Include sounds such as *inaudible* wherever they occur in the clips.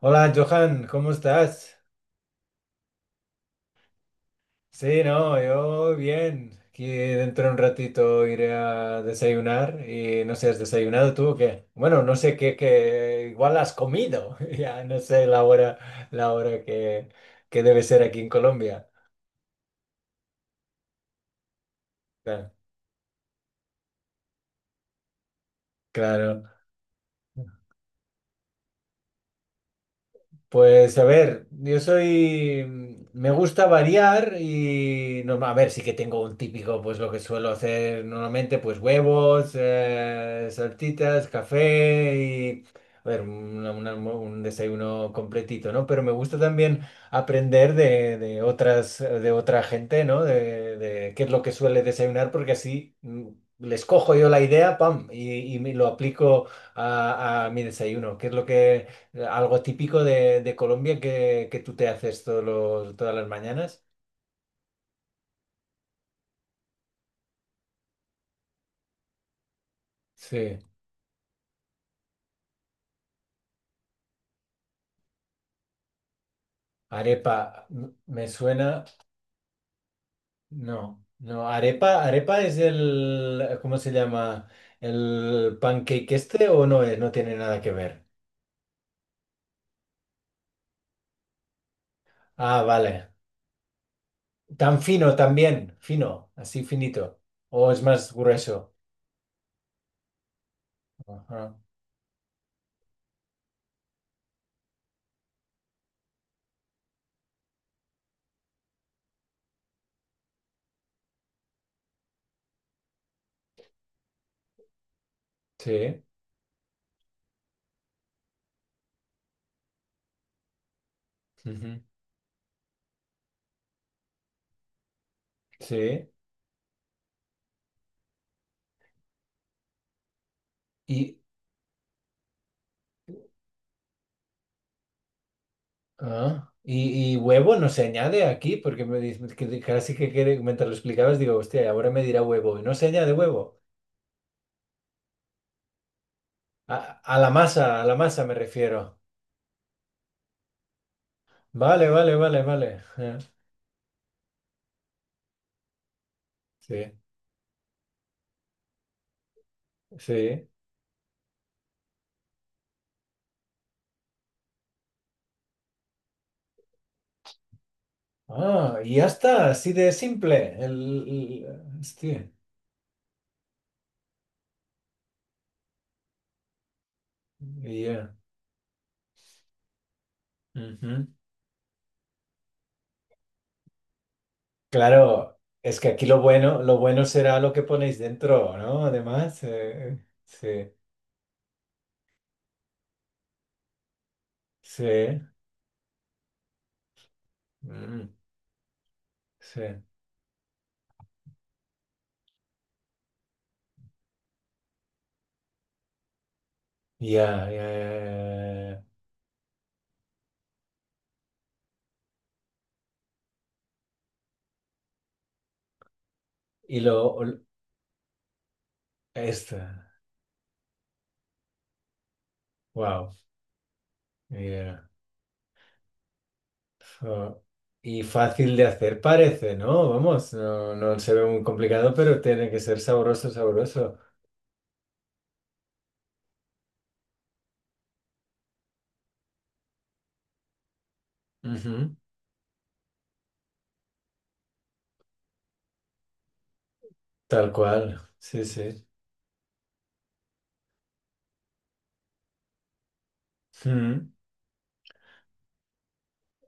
Hola Johan, ¿cómo estás? Sí, no, yo bien. Aquí dentro de un ratito iré a desayunar y no sé, ¿has desayunado tú o qué? Bueno, no sé qué, igual has comido. *laughs* Ya no sé la hora, la hora que debe ser aquí en Colombia. Claro. Claro. Pues a ver, yo soy, me gusta variar y no, a ver, sí que tengo un típico, pues lo que suelo hacer normalmente, pues huevos, saltitas, café y, a ver, un desayuno completito, ¿no? Pero me gusta también aprender de otras, de otra gente, ¿no? De qué es lo que suele desayunar, porque así les cojo yo la idea, pam, y me lo aplico a mi desayuno. ¿Qué es lo que algo típico de Colombia que tú te haces todas las mañanas. Sí. Arepa, me suena. No, no. Arepa, arepa es el, ¿cómo se llama? ¿El pancake este o no es? No tiene nada que ver. Ah, vale. Tan fino también, fino, así finito. O es más grueso. Ajá. Sí. Ujú. Sí. Ah, y huevo no se añade aquí, porque me dice que casi que mientras lo explicabas digo, hostia, y ahora me dirá huevo. Y no se añade huevo. A, a la masa me refiero. Vale, vale, vale, vale. Sí, sí. Ah, y ya está, así de simple. El, hostia. Y ya. Ujú. Claro, es que aquí lo bueno será lo que ponéis dentro, ¿no? Además, eh, sí, sí. Mm, sí. Ya, ya, ya, ya. ya. Y lo, esta, wow, ya. Jo. Y fácil de hacer parece, ¿no? Vamos, no, no se ve muy complicado, pero tiene que ser sabroso, sabroso. Ujú. Tal cual, sí, sí. Mm.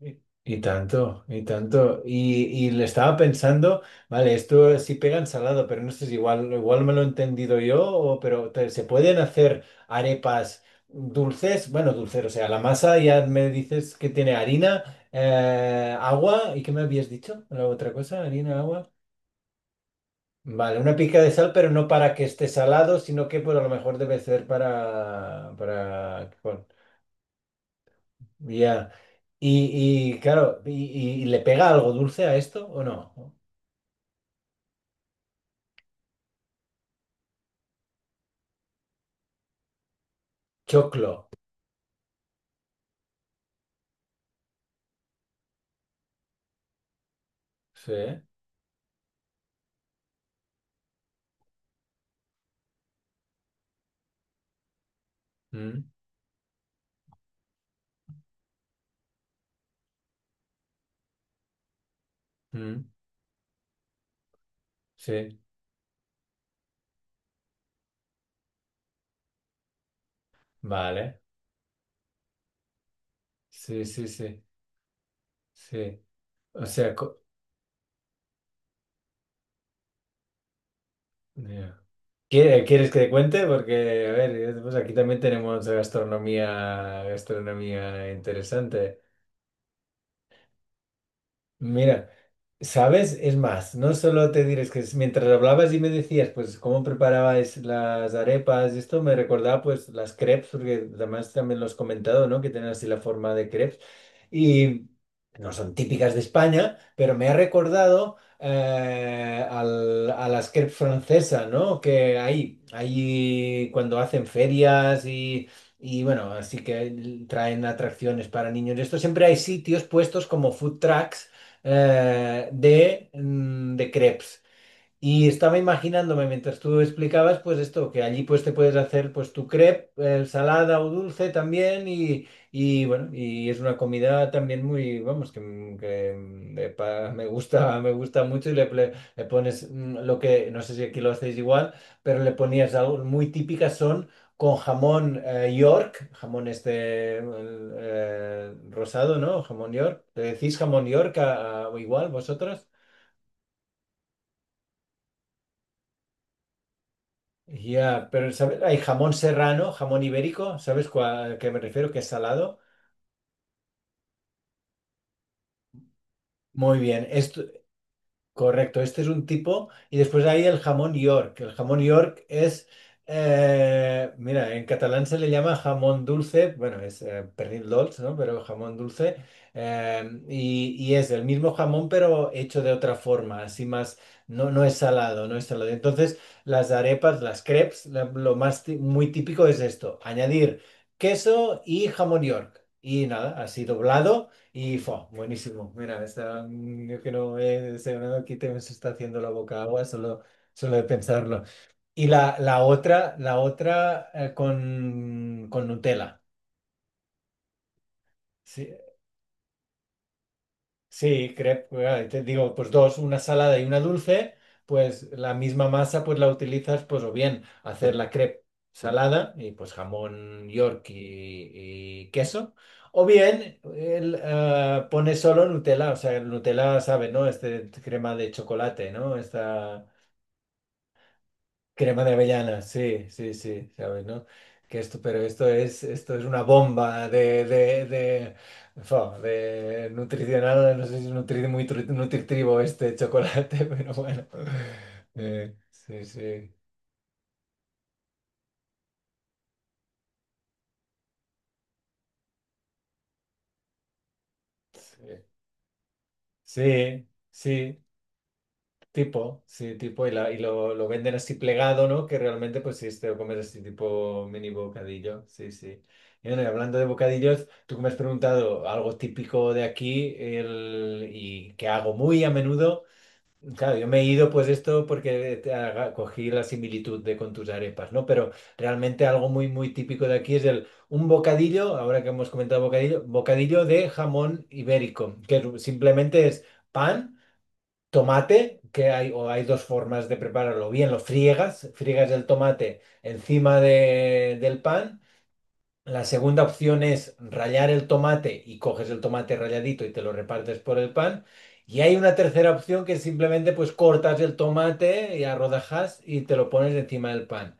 Y y tanto, y tanto. Y le estaba pensando, vale, esto sí pega ensalado, pero no sé si igual, igual me lo he entendido yo, o, se pueden hacer arepas dulces, bueno, dulces, o sea, la masa ya me dices que tiene harina, agua, ¿y qué me habías dicho? La otra cosa, harina, agua. Vale, una pica de sal, pero no para que esté salado, sino que pues a lo mejor debe ser para, bueno, ya. Claro, y le pega algo dulce a esto o no? Choclo. Sí. Mm, mm, sí. Vale. Sí, sí, sí. Sí. O sea, co- ya. ¿Quiere- ¿Quieres que te cuente? Porque, a ver, pues aquí también tenemos gastronomía, gastronomía interesante. Mira, ¿sabes? Es más, no solo te diré, es que es- mientras hablabas y me decías, pues, cómo preparabas las arepas y esto, me recordaba, pues, las crepes, porque además también lo has comentado, ¿no? Que tienen así la forma de crepes. Y no son típicas de España, pero me ha recordado a las crepes francesas, ¿no? Que hay cuando hacen ferias y... Y bueno, así que traen atracciones para niños. Esto siempre hay sitios puestos como food trucks de crepes. Y estaba imaginándome mientras tú explicabas, pues esto, que allí pues te puedes hacer pues tu crepe, salada o dulce también y, bueno, y es una comida también muy, vamos, que, m- que, mm, de pa- *laughs* me gusta mucho y le, le pones lo que, no sé si aquí lo hacéis igual, pero le ponías algo muy típicas son con jamón York, jamón este el, rosado, ¿no? Jamón York. ¿Le decís jamón York igual vosotros? Ya, pero ¿sabes? Hay jamón serrano, jamón ibérico, ¿sabes cuál- a qué me refiero? Que es salado. Muy bien. Es, correcto, este es un tipo. Y después hay el jamón York. El jamón York es, mira, en catalán se le llama jamón dulce, bueno, es pernil dolç, ¿no? Pero jamón dulce. Y es el mismo jamón, pero hecho de otra forma, así más, no, no es salado, no es salado. Entonces, las arepas, las crepes, lo más ti- muy típico es esto, añadir queso y jamón York. Y nada, así doblado. Y fue buenísimo. Mira, está, mm, yo que no he desayunado aquí, te me está haciendo la boca agua, solo, solo de pensarlo. Y la, la otra con Nutella. Sí, sí, crepe, te digo, pues dos, una salada y una dulce, pues la misma masa pues la utilizas pues o bien hacer la crepe salada y pues jamón York y queso, o bien el, pones solo Nutella, o sea, el Nutella sabe, ¿no? Este crema de chocolate, ¿no? Esta... Crema de avellana, sí, sí, sí, sabes, ¿no? Que esto, pero esto es una bomba de nutricional, no sé si es nutri- muy tru- nutritivo este chocolate, *laughs* pero bueno. Sí, sí, sí, sí, sí, tipo, sí, tipo, y, y lo venden así plegado, ¿no? Que realmente, pues sí, te lo comes así tipo mini bocadillo, sí, sí. Y bueno, y hablando de bocadillos, tú que me has preguntado algo típico de aquí el, y que hago muy a menudo, claro, yo me he ido pues esto porque te haga- cogí la similitud de con tus arepas, ¿no? Pero realmente algo muy, muy típico de aquí es el, un bocadillo, ahora que hemos comentado bocadillo, bocadillo de jamón ibérico, que es- simplemente es pan. Tomate, que hay, o hay dos formas de prepararlo. Bien, lo friegas, friegas el tomate encima del pan. La segunda opción es rallar el tomate y coges el tomate ralladito y te lo repartes por el pan. Y hay una tercera opción que simplemente pues cortas el tomate y a rodajas y te lo pones encima del pan.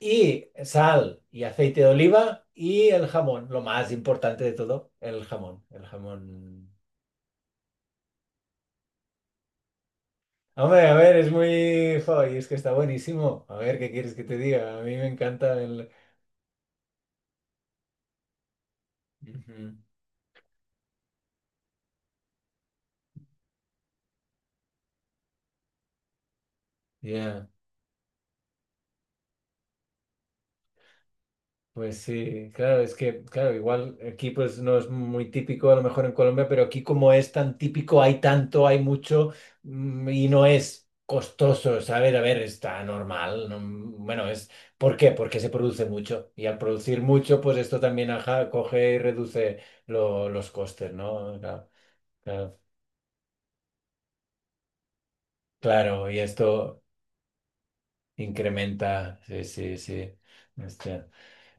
Y sal y aceite de oliva y el jamón, lo más importante de todo, el jamón hombre, a ver, es muy... jo, y es que está buenísimo. A ver, ¿qué quieres que te diga? A mí me encanta el... Ujú. Ya, pues sí, claro, es que, claro, igual aquí pues no es muy típico a lo mejor en Colombia, pero aquí como es tan típico, hay tanto, hay mucho y no es costoso, ¿sabes? A ver, está normal. No- bueno, es... ¿Por qué? Porque se produce mucho y al producir mucho, pues esto también ajá, coge y reduce los costes, ¿no? Claro, claro. Claro, y esto... Incrementa, sí, sí, sí. Hostia.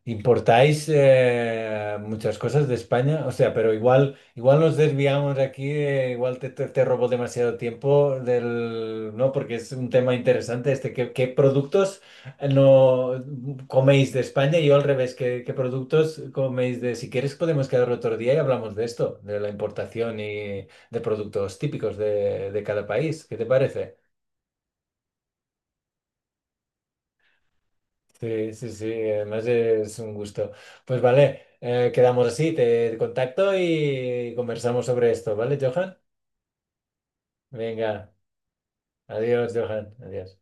¿Importáis muchas cosas de España? O sea, pero igual, igual nos desviamos aquí, te robo demasiado tiempo del, ¿no? Porque es un tema interesante este. ¿Qué productos no coméis de España? Y yo al revés, ¿qué productos coméis de... Si quieres podemos quedar otro día y hablamos de esto, de la importación y de productos típicos de cada país. ¿Qué te parece? Sí, sí, sí, además es un gusto. Pues vale, quedamos así, te contacto y conversamos sobre esto, ¿vale, Johan? Venga, adiós, Johan, adiós.